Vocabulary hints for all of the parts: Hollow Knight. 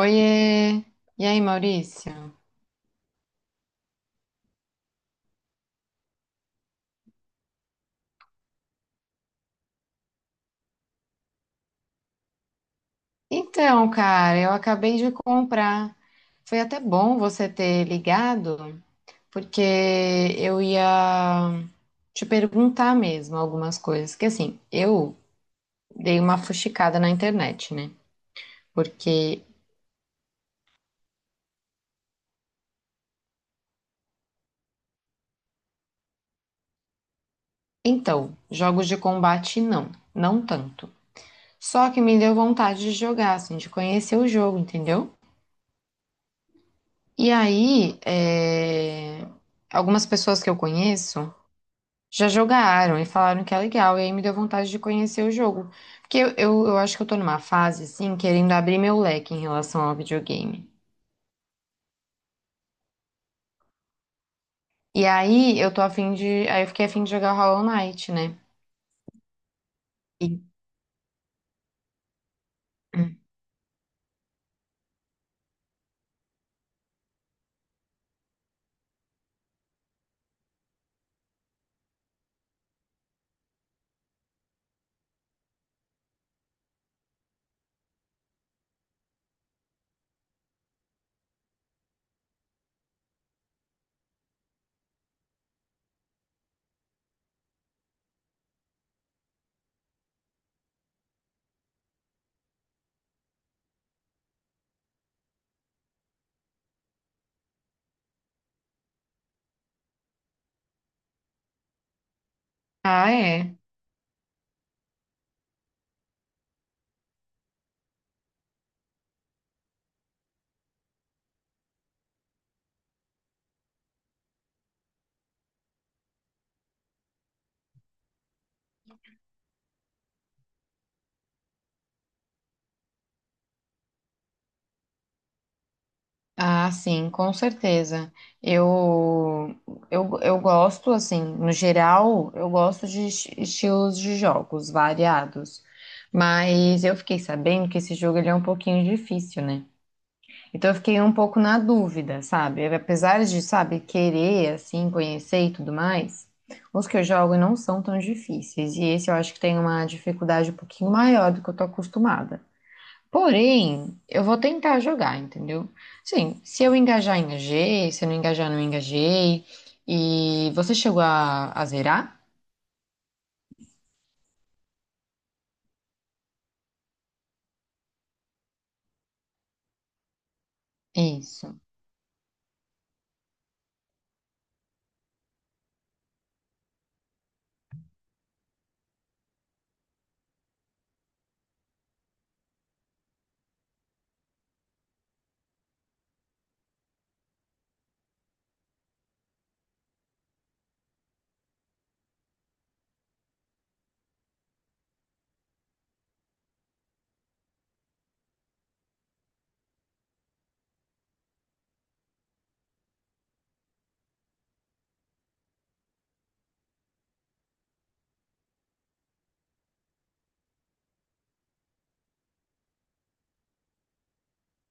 Oiê! E aí, Maurício? Então, cara, eu acabei de comprar. Foi até bom você ter ligado, porque eu ia te perguntar mesmo algumas coisas. Que assim, eu dei uma fuxicada na internet, né? Porque, então, jogos de combate não, não tanto. Só que me deu vontade de jogar, assim, de conhecer o jogo, entendeu? E aí, algumas pessoas que eu conheço já jogaram e falaram que é legal, e aí me deu vontade de conhecer o jogo. Porque eu acho que eu tô numa fase, assim, querendo abrir meu leque em relação ao videogame. E aí eu tô a fim de. Aí eu fiquei a fim de jogar Hollow Knight, né? E- Ah, é. Ah, sim, com certeza. Eu, eu gosto, assim, no geral, eu gosto de estilos de jogos variados. Mas eu fiquei sabendo que esse jogo ele é um pouquinho difícil, né? Então eu fiquei um pouco na dúvida, sabe? Apesar de, sabe, querer, assim, conhecer e tudo mais, os que eu jogo não são tão difíceis. E esse eu acho que tem uma dificuldade um pouquinho maior do que eu tô acostumada. Porém, eu vou tentar jogar, entendeu? Sim, se eu engajar, engajei. Se eu não engajar, não engajei. E você chegou a zerar? Isso.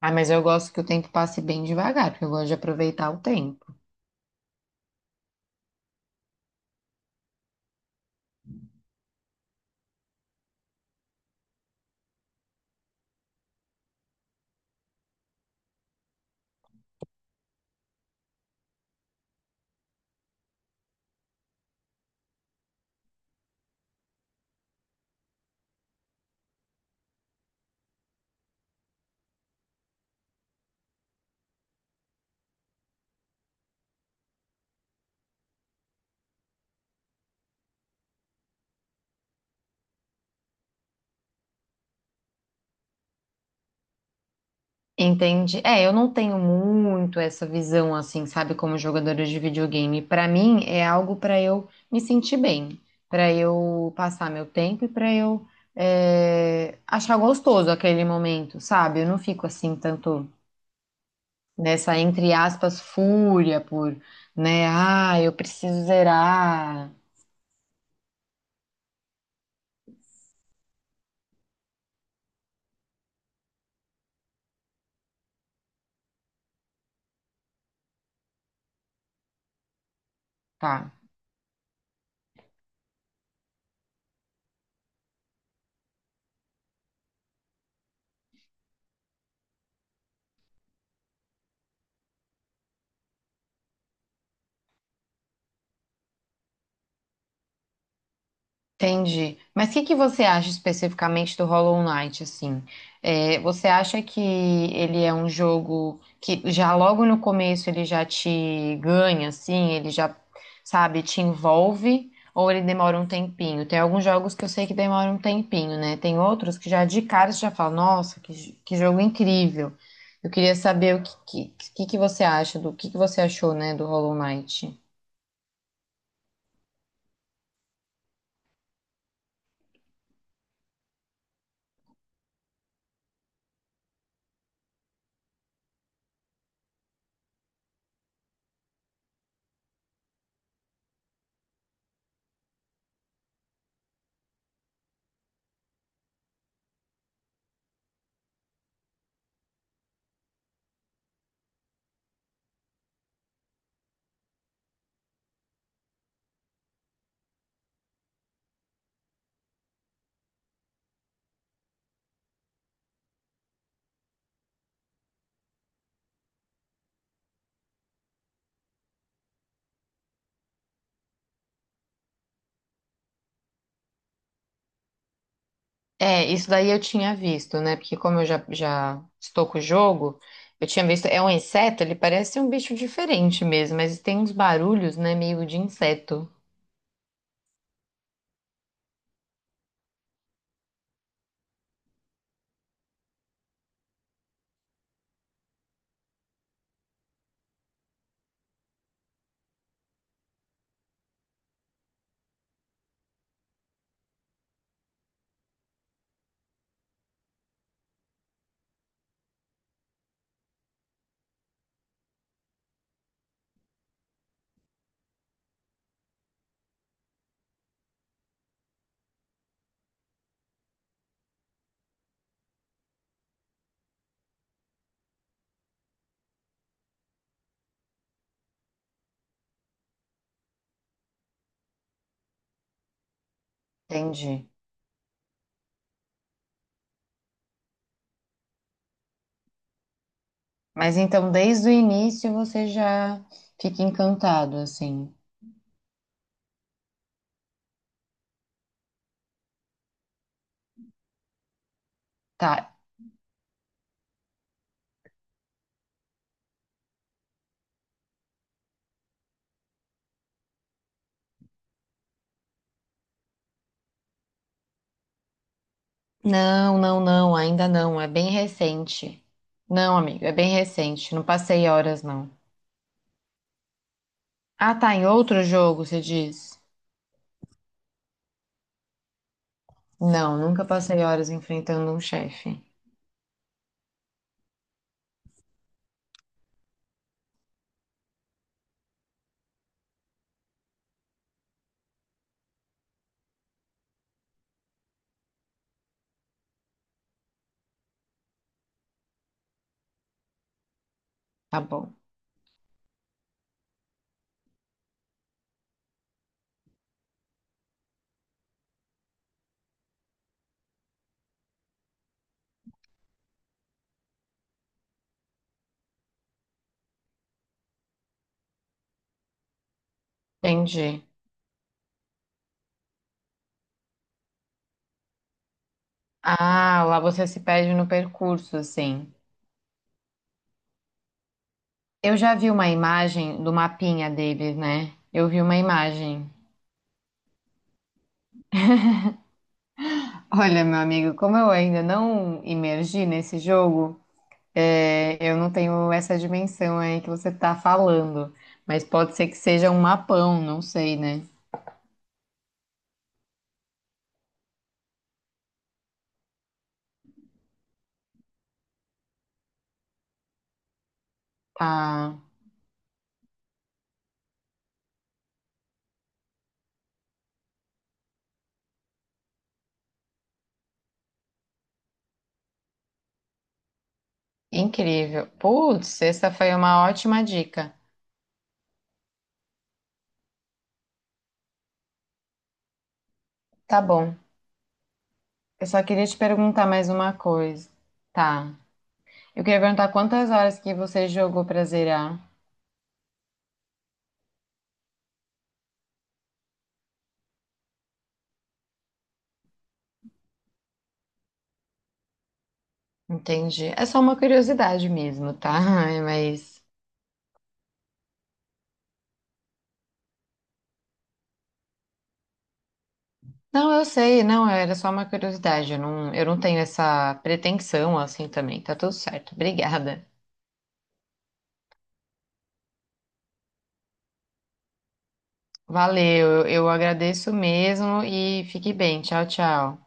Ah, mas eu gosto que o tempo passe bem devagar, porque eu gosto de aproveitar o tempo. Entende É, eu não tenho muito essa visão assim, sabe, como jogadora de videogame. Pra mim é algo pra eu me sentir bem, pra eu passar meu tempo e pra eu achar gostoso aquele momento, sabe? Eu não fico assim tanto nessa entre aspas fúria por, né? Ah, eu preciso zerar, tá? Entendi. Mas o que que você acha especificamente do Hollow Knight, assim? É, você acha que ele é um jogo que já logo no começo ele já te ganha, assim? Ele já, sabe, te envolve? Ou ele demora um tempinho? Tem alguns jogos que eu sei que demoram um tempinho, né? Tem outros que já de cara você já fala, nossa, que jogo incrível. Eu queria saber o que, que, que você acha, do que você achou, né, do Hollow Knight. É, isso daí eu tinha visto, né? Porque como eu já estou com o jogo, eu tinha visto. É um inseto, ele parece um bicho diferente mesmo, mas tem uns barulhos, né? Meio de inseto. Entendi. Mas então, desde o início você já fica encantado, assim. Tá. Não, não, não, ainda não. É bem recente. Não, amigo, é bem recente. Não passei horas, não. Ah, tá. Em outro jogo, você diz? Não, nunca passei horas enfrentando um chefe. Tá bom. Entendi. Ah, lá você se perde no percurso, assim. Eu já vi uma imagem do mapinha deles, né? Eu vi uma imagem. Olha, meu amigo, como eu ainda não imergi nesse jogo, eu não tenho essa dimensão aí que você tá falando. Mas pode ser que seja um mapão, não sei, né? Ah, incrível. Putz, essa foi uma ótima dica. Tá bom. Eu só queria te perguntar mais uma coisa. Tá. Eu queria perguntar quantas horas que você jogou pra zerar. Entendi. É só uma curiosidade mesmo, tá? Ai, mas. Não, eu sei, não, era só uma curiosidade. Eu não tenho essa pretensão assim também. Tá tudo certo. Obrigada. Valeu, eu agradeço mesmo e fique bem. Tchau, tchau.